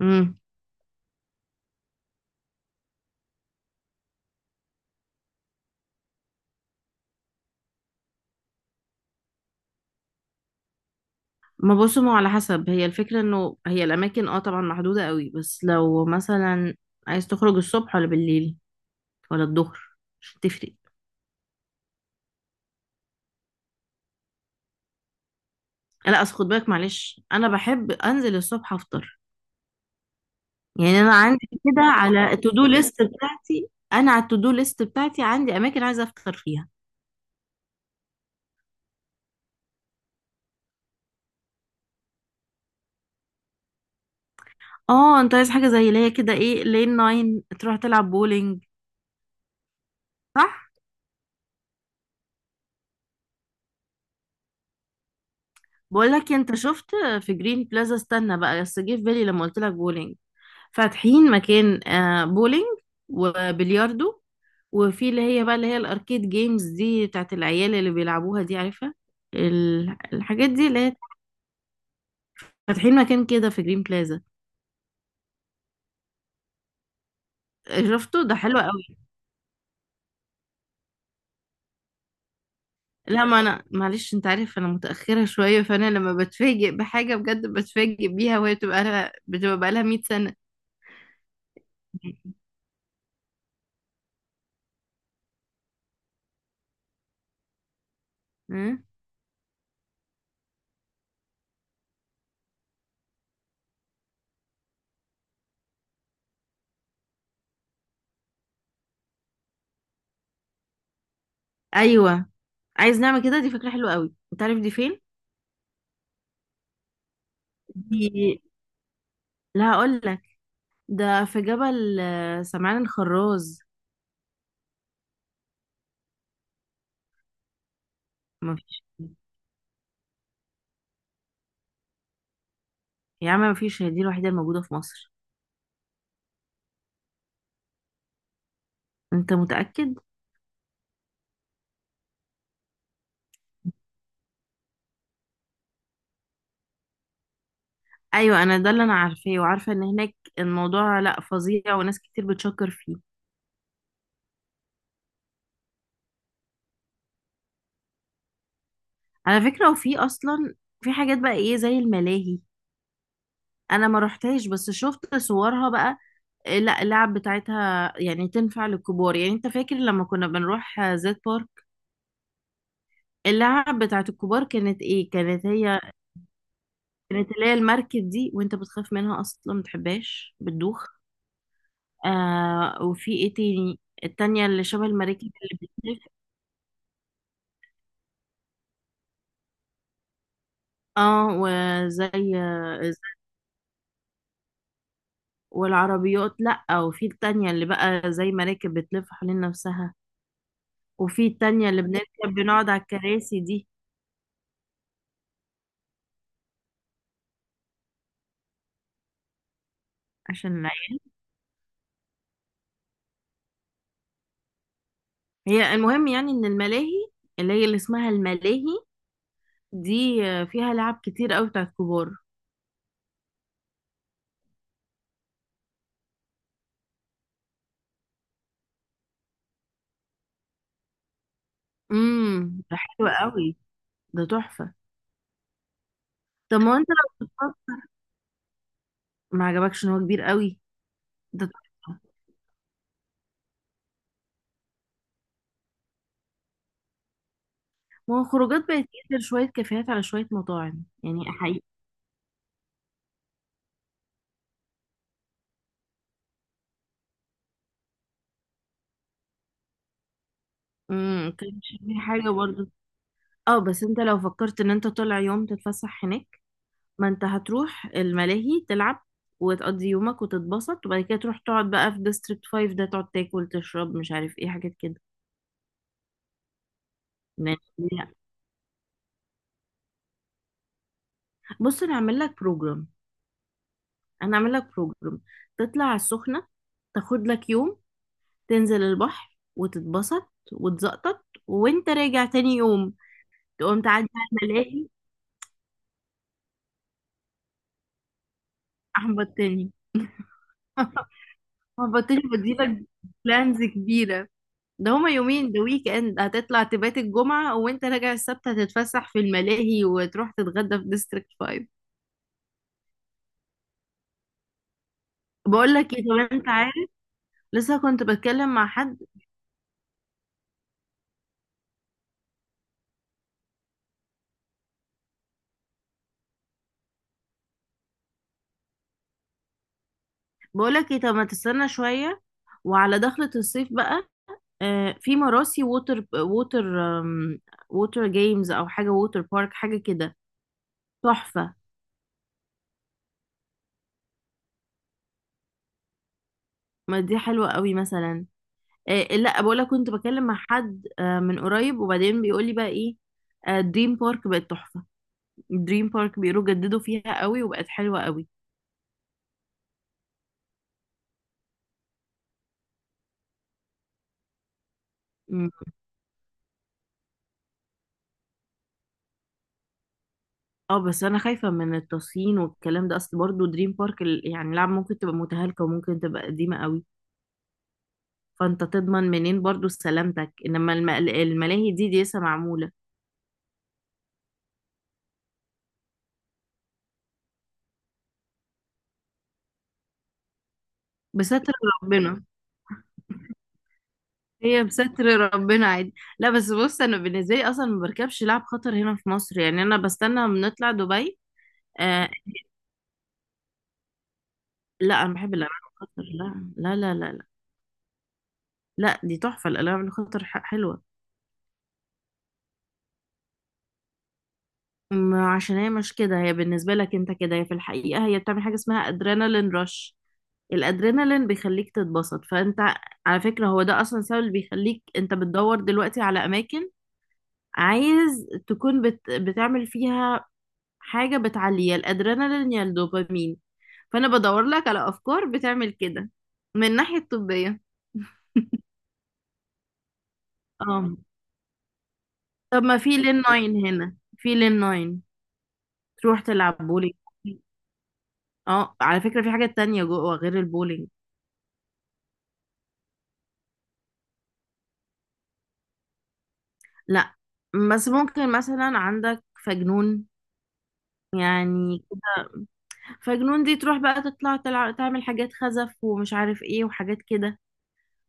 امم ما بصوا، ما هو على حسب، هي الفكرة انه هي الاماكن طبعا محدودة قوي، بس لو مثلا عايز تخرج الصبح ولا بالليل ولا الظهر مش هتفرق. لا اصل خد بالك، معلش، انا بحب انزل الصبح افطر. يعني انا عندي كده على التو دو ليست بتاعتي، عندي اماكن عايزة افطر فيها. اه انت عايز حاجة زي اللي هي كده، ايه، لين ناين، تروح تلعب بولينج. صح. بقول لك إيه، انت شفت في جرين بلازا؟ استنى بقى، بس جه في بالي لما قلت لك بولينج، فاتحين مكان، بولينج وبلياردو، وفي اللي هي بقى اللي هي الاركيد جيمز دي بتاعت العيال اللي بيلعبوها دي، عارفة الحاجات دي؟ اللي هي فاتحين مكان كده في جرين بلازا. شفته، ده حلو قوي. لا ما انا، معلش، انت عارف انا متأخرة شوية، فانا لما بتفاجئ بحاجة بجد بتفاجئ بيها، وهي بتبقى لها بقى 100 سنة. ها؟ ايوه عايز نعمل كده، دي فكرة حلوة قوي، انت عارف دي فين؟ دي، لا هقول لك، ده في جبل، سمعان الخراز. مفيش، يا عم، مفيش، هي دي الوحيدة الموجودة في مصر. انت متأكد؟ ايوه انا ده اللي انا عارفاه، وعارفة ان هناك الموضوع لا فظيع وناس كتير بتشكر فيه. على فكرة وفي اصلا، في حاجات بقى ايه زي الملاهي. انا ما رحتهاش بس شفت صورها بقى. إيه، لا اللعب بتاعتها يعني تنفع للكبار. يعني انت فاكر لما كنا بنروح زيت بارك، اللعب بتاعت الكبار كانت ايه؟ كانت هي كانت اللي هي المركب دي، وانت بتخاف منها اصلا ما بتحبهاش، بتدوخ. آه، وفي ايه تاني؟ التانية اللي شبه المراكب اللي بتلف. اه، وزي والعربيات، لأ، وفي التانية اللي بقى زي مراكب بتلف حوالين نفسها، وفي التانية اللي بنركب بنقعد على الكراسي دي، عشان العيال. هي المهم يعني ان الملاهي اللي هي اللي اسمها الملاهي دي، فيها لعب كتير قوي بتاعت كبار. امم، ده حلو قوي، ده تحفة. طب ما هو انت لو ما عجبكش ان هو كبير قوي؟ ده تحفة. ما هو خروجات بقت ينزل شوية كافيهات على شوية مطاعم، يعني حقيقي. امم، كانش في حاجة برضه. اه بس انت لو فكرت ان انت طالع يوم تتفسح هناك، ما انت هتروح الملاهي تلعب وتقضي يومك وتتبسط، وبعد كده تروح تقعد بقى في ديستريكت 5، ده تقعد تاكل تشرب مش عارف ايه، حاجات كده. يعني لا. بص انا هعمل لك بروجرام، انا هعمل لك بروجرام تطلع على السخنة، تاخد لك يوم تنزل البحر وتتبسط وتزقطط، وانت راجع تاني يوم تقوم تعدي على الملاهي. احبطتني. احبطتني، بديلك بلانز كبيرة. ده هما يومين، ده ويك اند، هتطلع تبات الجمعة، وانت راجع السبت هتتفسح في الملاهي وتروح تتغدى في ديستريكت 5. بقول لك ايه، طب انت عارف، لسه كنت بتكلم مع حد. بقول لك ايه، طب ما تستنى شوية وعلى دخلة الصيف بقى، في مراسي ووتر جيمز، او حاجة ووتر بارك حاجة كده، تحفة. ما دي حلوة قوي مثلا. لا بقول لك، كنت بكلم مع حد من قريب، وبعدين بيقول لي بقى ايه، دريم بارك بقت تحفة. دريم بارك بيقولوا جددوا فيها قوي وبقت حلوة قوي. مم. اه بس انا خايفة من التصين والكلام ده، اصل برضو دريم بارك يعني لعب ممكن تبقى متهالكة وممكن تبقى قديمة قوي، فانت تضمن منين برضو سلامتك؟ انما الملاهي دي، دي لسه معمولة. بستر ربنا، هي بستر ربنا، عادي. لا بس بص، انا بالنسبة لي اصلا ما بركبش لعب خطر هنا في مصر، يعني انا بستنى بنطلع دبي. آه، لا انا بحب الالعاب الخطر، لا دي تحفه، الالعاب الخطر حلوه. ما عشان هي مش كده، هي بالنسبه لك انت كده، هي في الحقيقه هي بتعمل حاجه اسمها ادرينالين رش. الادرينالين بيخليك تتبسط، فانت على فكره هو ده اصلا سبب اللي بيخليك انت بتدور دلوقتي على اماكن عايز تكون بتعمل فيها حاجه بتعلي يا الادرينالين يا الدوبامين، فانا بدور لك على افكار بتعمل كده، من الناحيه الطبيه. اه طب ما في لين 9، تروح تلعب بولينج. اه على فكرة في حاجة تانية جوه غير البولينج. لا بس ممكن مثلا عندك فجنون، يعني. فجنون دي تروح بقى تطلع تلعب تعمل حاجات خزف ومش عارف ايه وحاجات كده،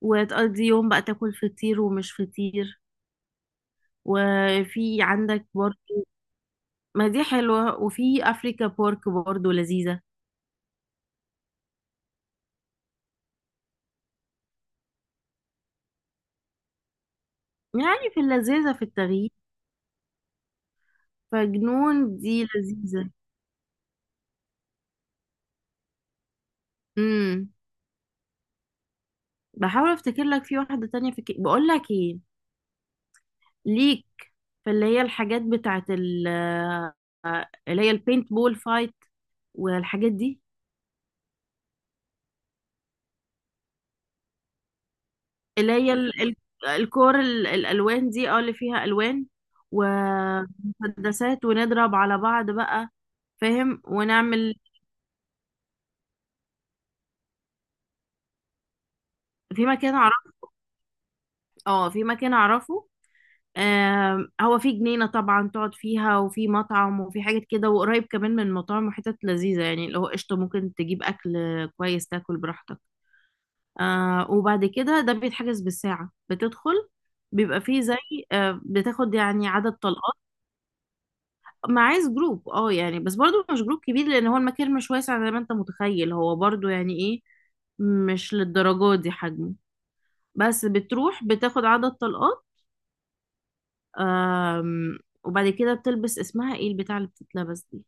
وتقضي يوم بقى تاكل فطير ومش فطير. وفي عندك برضه، ما دي حلوة، وفي أفريكا بورك برضه لذيذة، يعني في اللذيذة في التغيير. فجنون دي لذيذة. امم، بحاول افتكر لك في واحدة تانية. في بقول لك ايه ليك، في اللي هي الحاجات بتاعت اللي هي البينت بول فايت والحاجات دي، اللي هي الكور، الالوان دي، اه اللي فيها الوان ومسدسات ونضرب على بعض بقى، فاهم، ونعمل. في مكان اعرفه، اه في مكان اعرفه آم، هو في جنينة طبعا تقعد فيها، وفي مطعم وفي حاجات كده، وقريب كمان من مطاعم وحتت لذيذة، يعني اللي هو قشطة، ممكن تجيب أكل كويس تاكل براحتك. آه وبعد كده ده بيتحجز بالساعة، بتدخل بيبقى فيه زي، آه، بتاخد يعني عدد طلقات. ما عايز جروب، اه يعني، بس برضو مش جروب كبير، لان هو المكان مش واسع زي ما انت متخيل، هو برضو يعني ايه، مش للدرجات دي حجمه. بس بتروح بتاخد عدد طلقات. آم، وبعد كده بتلبس، اسمها ايه البتاع اللي بتتلبس دي؟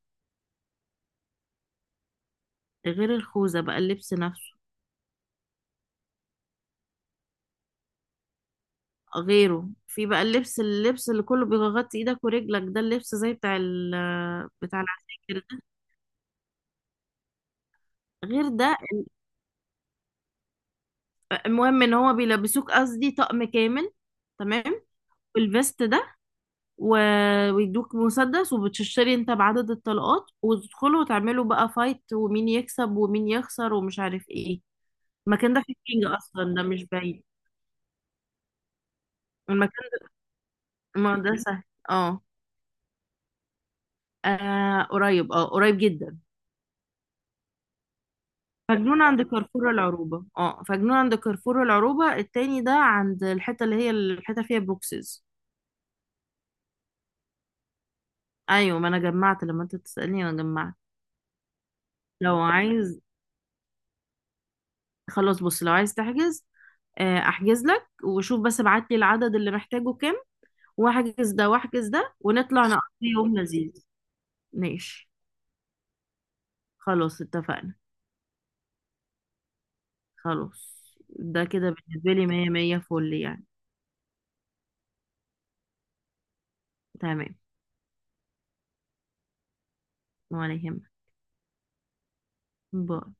غير الخوذة بقى، اللبس نفسه، غيره في بقى اللبس، اللبس اللي كله بيغطي ايدك ورجلك، ده اللبس زي بتاع ال، بتاع العساكر، غير ده. المهم ان هو بيلبسوك قصدي طقم كامل، تمام، الفيست ده و... ويدوك مسدس، وبتشتري انت بعدد الطلقات، وتدخلوا وتعملوا بقى فايت ومين يكسب ومين يخسر ومش عارف ايه. المكان ده في كينج، اصلا ده مش بعيد المكان، ما ده سهل. اه، آه، قريب، اه قريب جدا. فجنون عند كارفور العروبة، التاني ده، عند الحتة اللي هي الحتة فيها بوكسز. ايوه ما انا جمعت، لما انت تسألني انا جمعت. لو عايز، خلاص بص، لو عايز تحجز، آه، احجز لك وشوف، بس ابعت لي العدد اللي محتاجه كام، واحجز ده واحجز ده، ونطلع نقضي يوم لذيذ. ماشي. خلاص اتفقنا. خلاص ده كده بالنسبة لي مية مية، فل يعني. تمام. ولا يهمك. باي.